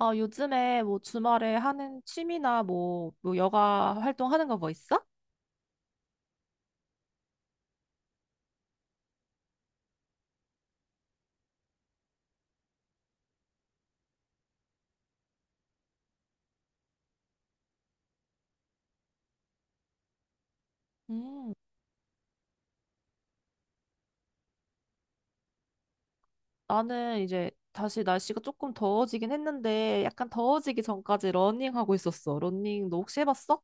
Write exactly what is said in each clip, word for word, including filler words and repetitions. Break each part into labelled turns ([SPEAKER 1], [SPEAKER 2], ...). [SPEAKER 1] 아, 요즘에 뭐 주말에 하는 취미나 뭐, 뭐 여가 활동하는 거 뭐 있어? 음, 나는 이제 다시 날씨가 조금 더워지긴 했는데 약간 더워지기 전까지 러닝하고 있었어. 러닝 너 혹시 해봤어?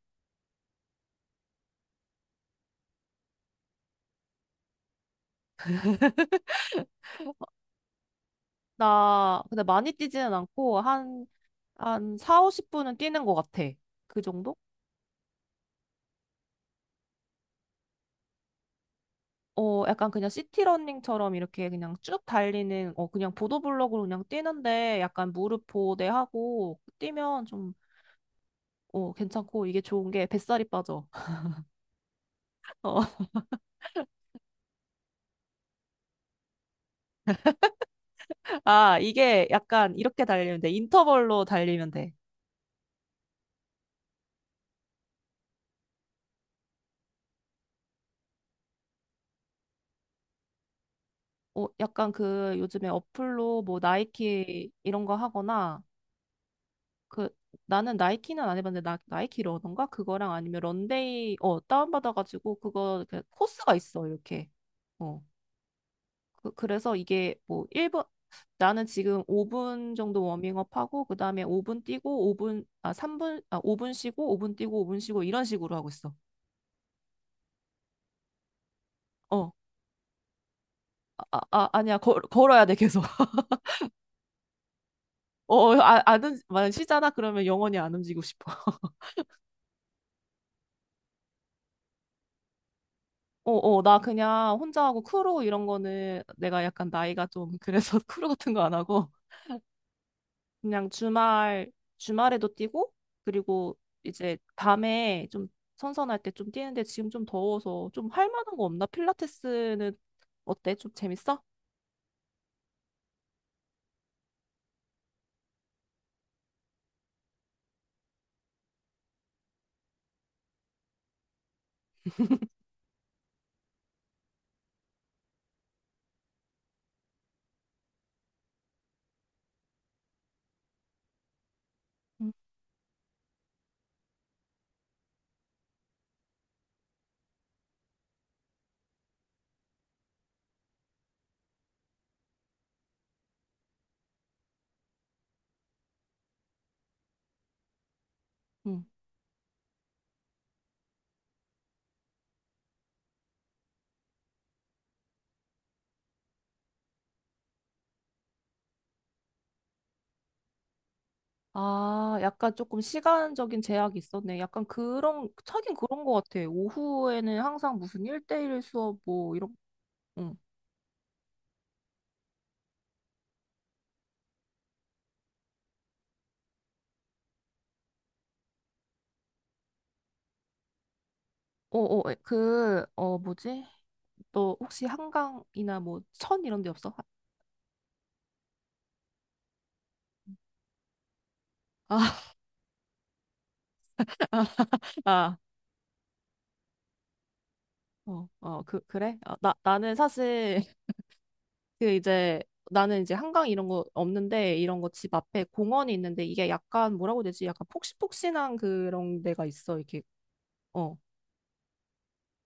[SPEAKER 1] 나 근데 많이 뛰지는 않고 한, 한 사, 오십 분 뛰는 것 같아. 그 정도? 어, 약간 그냥 시티 러닝처럼 이렇게 그냥 쭉 달리는, 어, 그냥 보도블록으로 그냥 뛰는데 약간 무릎 보호대 하고 뛰면 좀, 어, 괜찮고 이게 좋은 게 뱃살이 빠져. 어. 아, 이게 약간 이렇게 달리면 돼. 인터벌로 달리면 돼. 어, 약간 그 요즘에 어플로 뭐 나이키 이런 거 하거나 그 나는 나이키는 안 해봤는데 나, 나이키 러던가 그거랑 아니면 런데이 어, 다운받아가지고 그거 그 코스가 있어, 이렇게. 어, 그, 그래서 이게 뭐 일 분 나는 지금 오 분 정도 워밍업 하고 그다음에 오 분 뛰고 오 분 아 삼 분 아 오 분 쉬고 오 분 뛰고 오 분 쉬고 이런 식으로 하고 있어. 어. 아, 아, 아, 아니야. 걸, 걸어야 돼, 계속. 어, 아, 안, 움직- 만약 쉬잖아? 그러면 영원히 안 움직이고 싶어. 어, 어, 나 그냥 혼자 하고 크루 이런 거는 내가 약간 나이가 좀 그래서 크루 같은 거 안 하고 그냥 주말, 주말에도 뛰고 그리고 이제 밤에 좀 선선할 때 좀 뛰는데 지금 좀 더워서 좀 할 만한 거 없나? 필라테스는 어때? 좀 재밌어? 응. 응. 아, 약간 조금 시간적인 제약이 있었네. 약간 그런, 하긴 그런 거 같아. 오후에는 항상 무슨 일대일 수업 뭐 이런, 응. 어, 어, 그, 어, 뭐지? 너 혹시 한강이나 뭐, 천 이런 데 없어? 아, 아, 어, 어, 그, 그래? 아, 나, 나는 사실, 그 이제, 나는 이제 한강 이런 거 없는데, 이런 거 집 앞에 공원이 있는데, 이게 약간 뭐라고 해야 되지? 약간 폭신폭신한 그런 데가 있어, 이렇게. 어,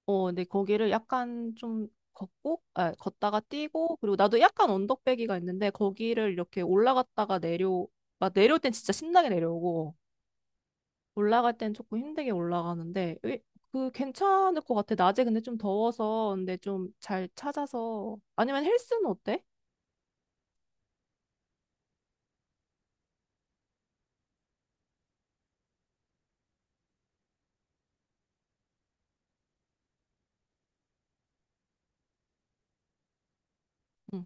[SPEAKER 1] 어, 근데 거기를 약간 좀 걷고, 아, 걷다가 뛰고, 그리고 나도 약간 언덕배기가 있는데, 거기를 이렇게 올라갔다가 내려, 막 내려올 땐 진짜 신나게 내려오고, 올라갈 땐 조금 힘들게 올라가는데 으, 그 괜찮을 것 같아. 낮에 근데 좀 더워서 근데 좀 잘 찾아서 아니면 헬스는 어때? 응.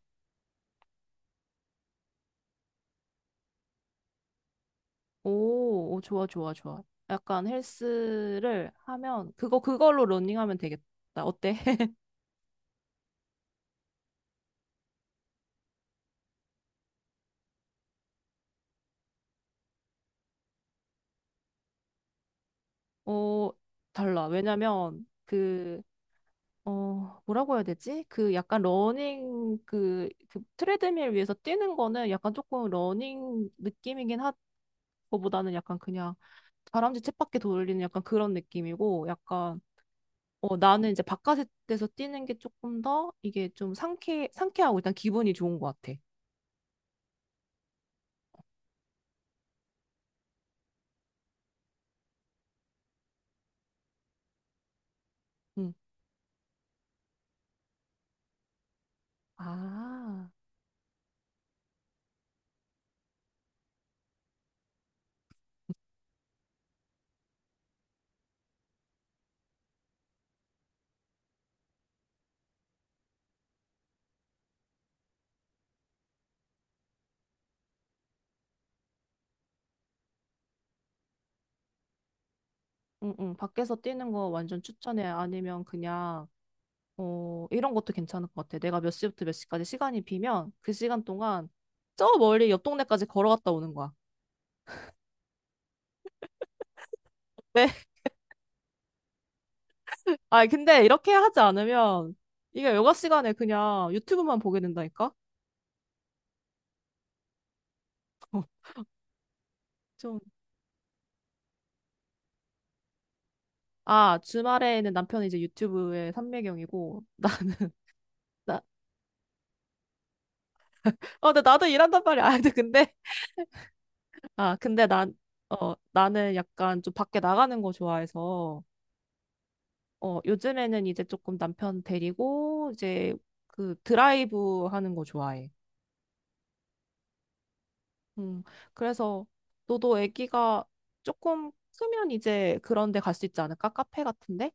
[SPEAKER 1] 오, 오, 좋아, 좋아, 좋아. 약간 헬스를 하면 그거 그걸로 러닝하면 되겠다. 어때? 어, 달라. 왜냐면 그... 어, 뭐라고 해야 되지? 그 약간 러닝, 그, 그 트레드밀 위에서 뛰는 거는 약간 조금 러닝 느낌이긴 하, 거보다는 약간 그냥 다람쥐 쳇바퀴 돌리는 약간 그런 느낌이고, 약간, 어, 나는 이제 바깥에서 뛰는 게 조금 더 이게 좀 상쾌, 상쾌하고 일단 기분이 좋은 것 같아. 응. 아, 응, 응. 밖에서 뛰는 거 완전 추천해. 아니면 그냥 어, 이런 것도 괜찮을 것 같아. 내가 몇 시부터 몇 시까지 시간이 비면 그 시간 동안 저 멀리 옆 동네까지 걸어갔다 오는 거야. 왜? 아, 근데 이렇게 하지 않으면 이게 여가 시간에 그냥 유튜브만 보게 된다니까? 좀. 아, 주말에는 남편이 이제 유튜브의 삼매경이고, 나는. 나, 어, 근데 나도 일한단 말이야. 아, 근데, 근데- 아, 근데 난, 어, 나는 약간 좀 밖에 나가는 거 좋아해서, 어, 요즘에는 이제 조금 남편 데리고, 이제 그 드라이브 하는 거 좋아해. 음, 그래서 너도 애기가 조금 크면 이제 그런 데 갈 수 있지 않을까? 카페 같은데?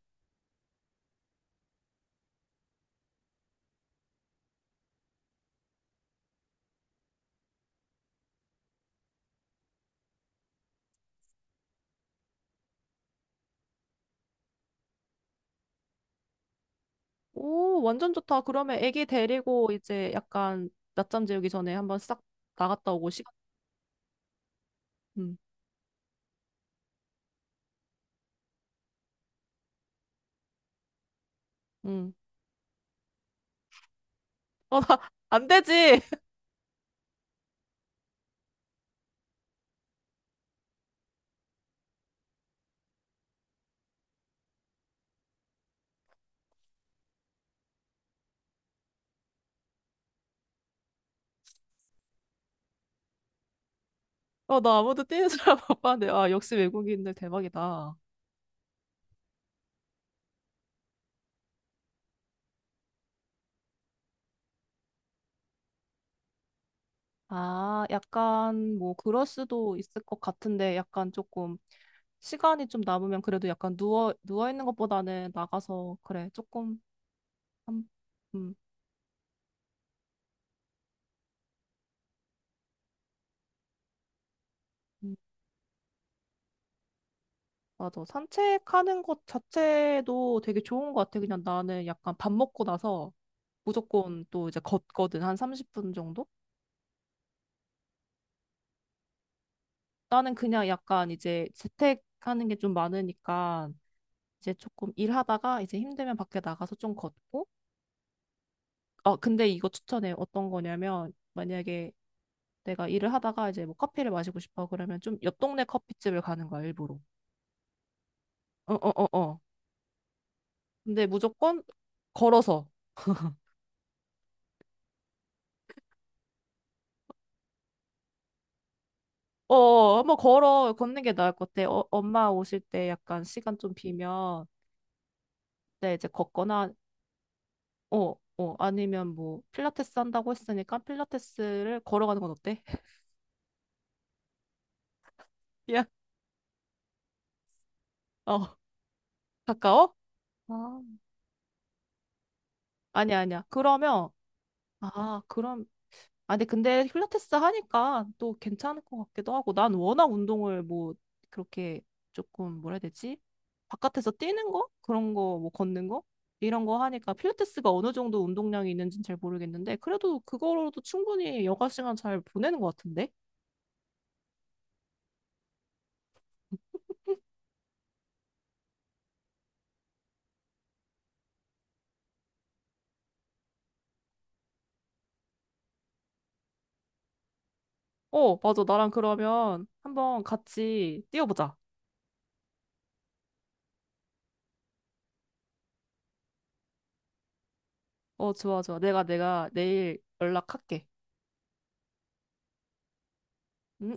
[SPEAKER 1] 오, 완전 좋다. 그러면 애기 데리고 이제 약간 낮잠 재우기 전에 한번 싹 나갔다 오고 시간. 음. 음. 어, 나, 안 되지! 어, 나 아무도 뛰는 사람 못 봤는데. 아, 역시 외국인들 대박이다. 아, 약간 뭐 그럴 수도 있을 것 같은데 약간 조금 시간이 좀 남으면 그래도 약간 누워 누워 있는 것보다는 나가서 그래 조금 한- 음. 음. 맞아. 산책하는 것 자체도 되게 좋은 것 같아. 그냥 나는 약간 밥 먹고 나서 무조건 또 이제 걷거든. 한 삼십 분 정도? 나는 그냥 약간 이제 재택하는 게 좀 많으니까 이제 조금 일하다가 이제 힘들면 밖에 나가서 좀 걷고. 어, 근데 이거 추천해. 어떤 거냐면 만약에 내가 일을 하다가 이제 뭐 커피를 마시고 싶어 그러면 좀 옆 동네 커피집을 가는 거야, 일부러. 어, 어, 어, 어. 근데 무조건 걸어서. 어, 한번 걸어, 걷는 게 나을 것 같아. 어, 엄마 오실 때 약간 시간 좀 비면, 네, 이제 걷거나, 어, 어, 아니면 뭐, 필라테스 한다고 했으니까 필라테스를 걸어가는 건 어때? 야, 어, 가까워? 아, 아니야, 아니야. 그러면, 아, 그럼 아니, 근데 필라테스 하니까 또 괜찮을 것 같기도 하고, 난 워낙 운동을 뭐, 그렇게 조금, 뭐라 해야 되지? 바깥에서 뛰는 거? 그런 거, 뭐, 걷는 거? 이런 거 하니까 필라테스가 어느 정도 운동량이 있는지는 잘 모르겠는데, 그래도 그거로도 충분히 여가 시간 잘 보내는 것 같은데? 어, 맞아. 나랑 그러면 한번 같이 뛰어보자. 어, 좋아, 좋아. 내가, 내가 내일 연락할게. 음.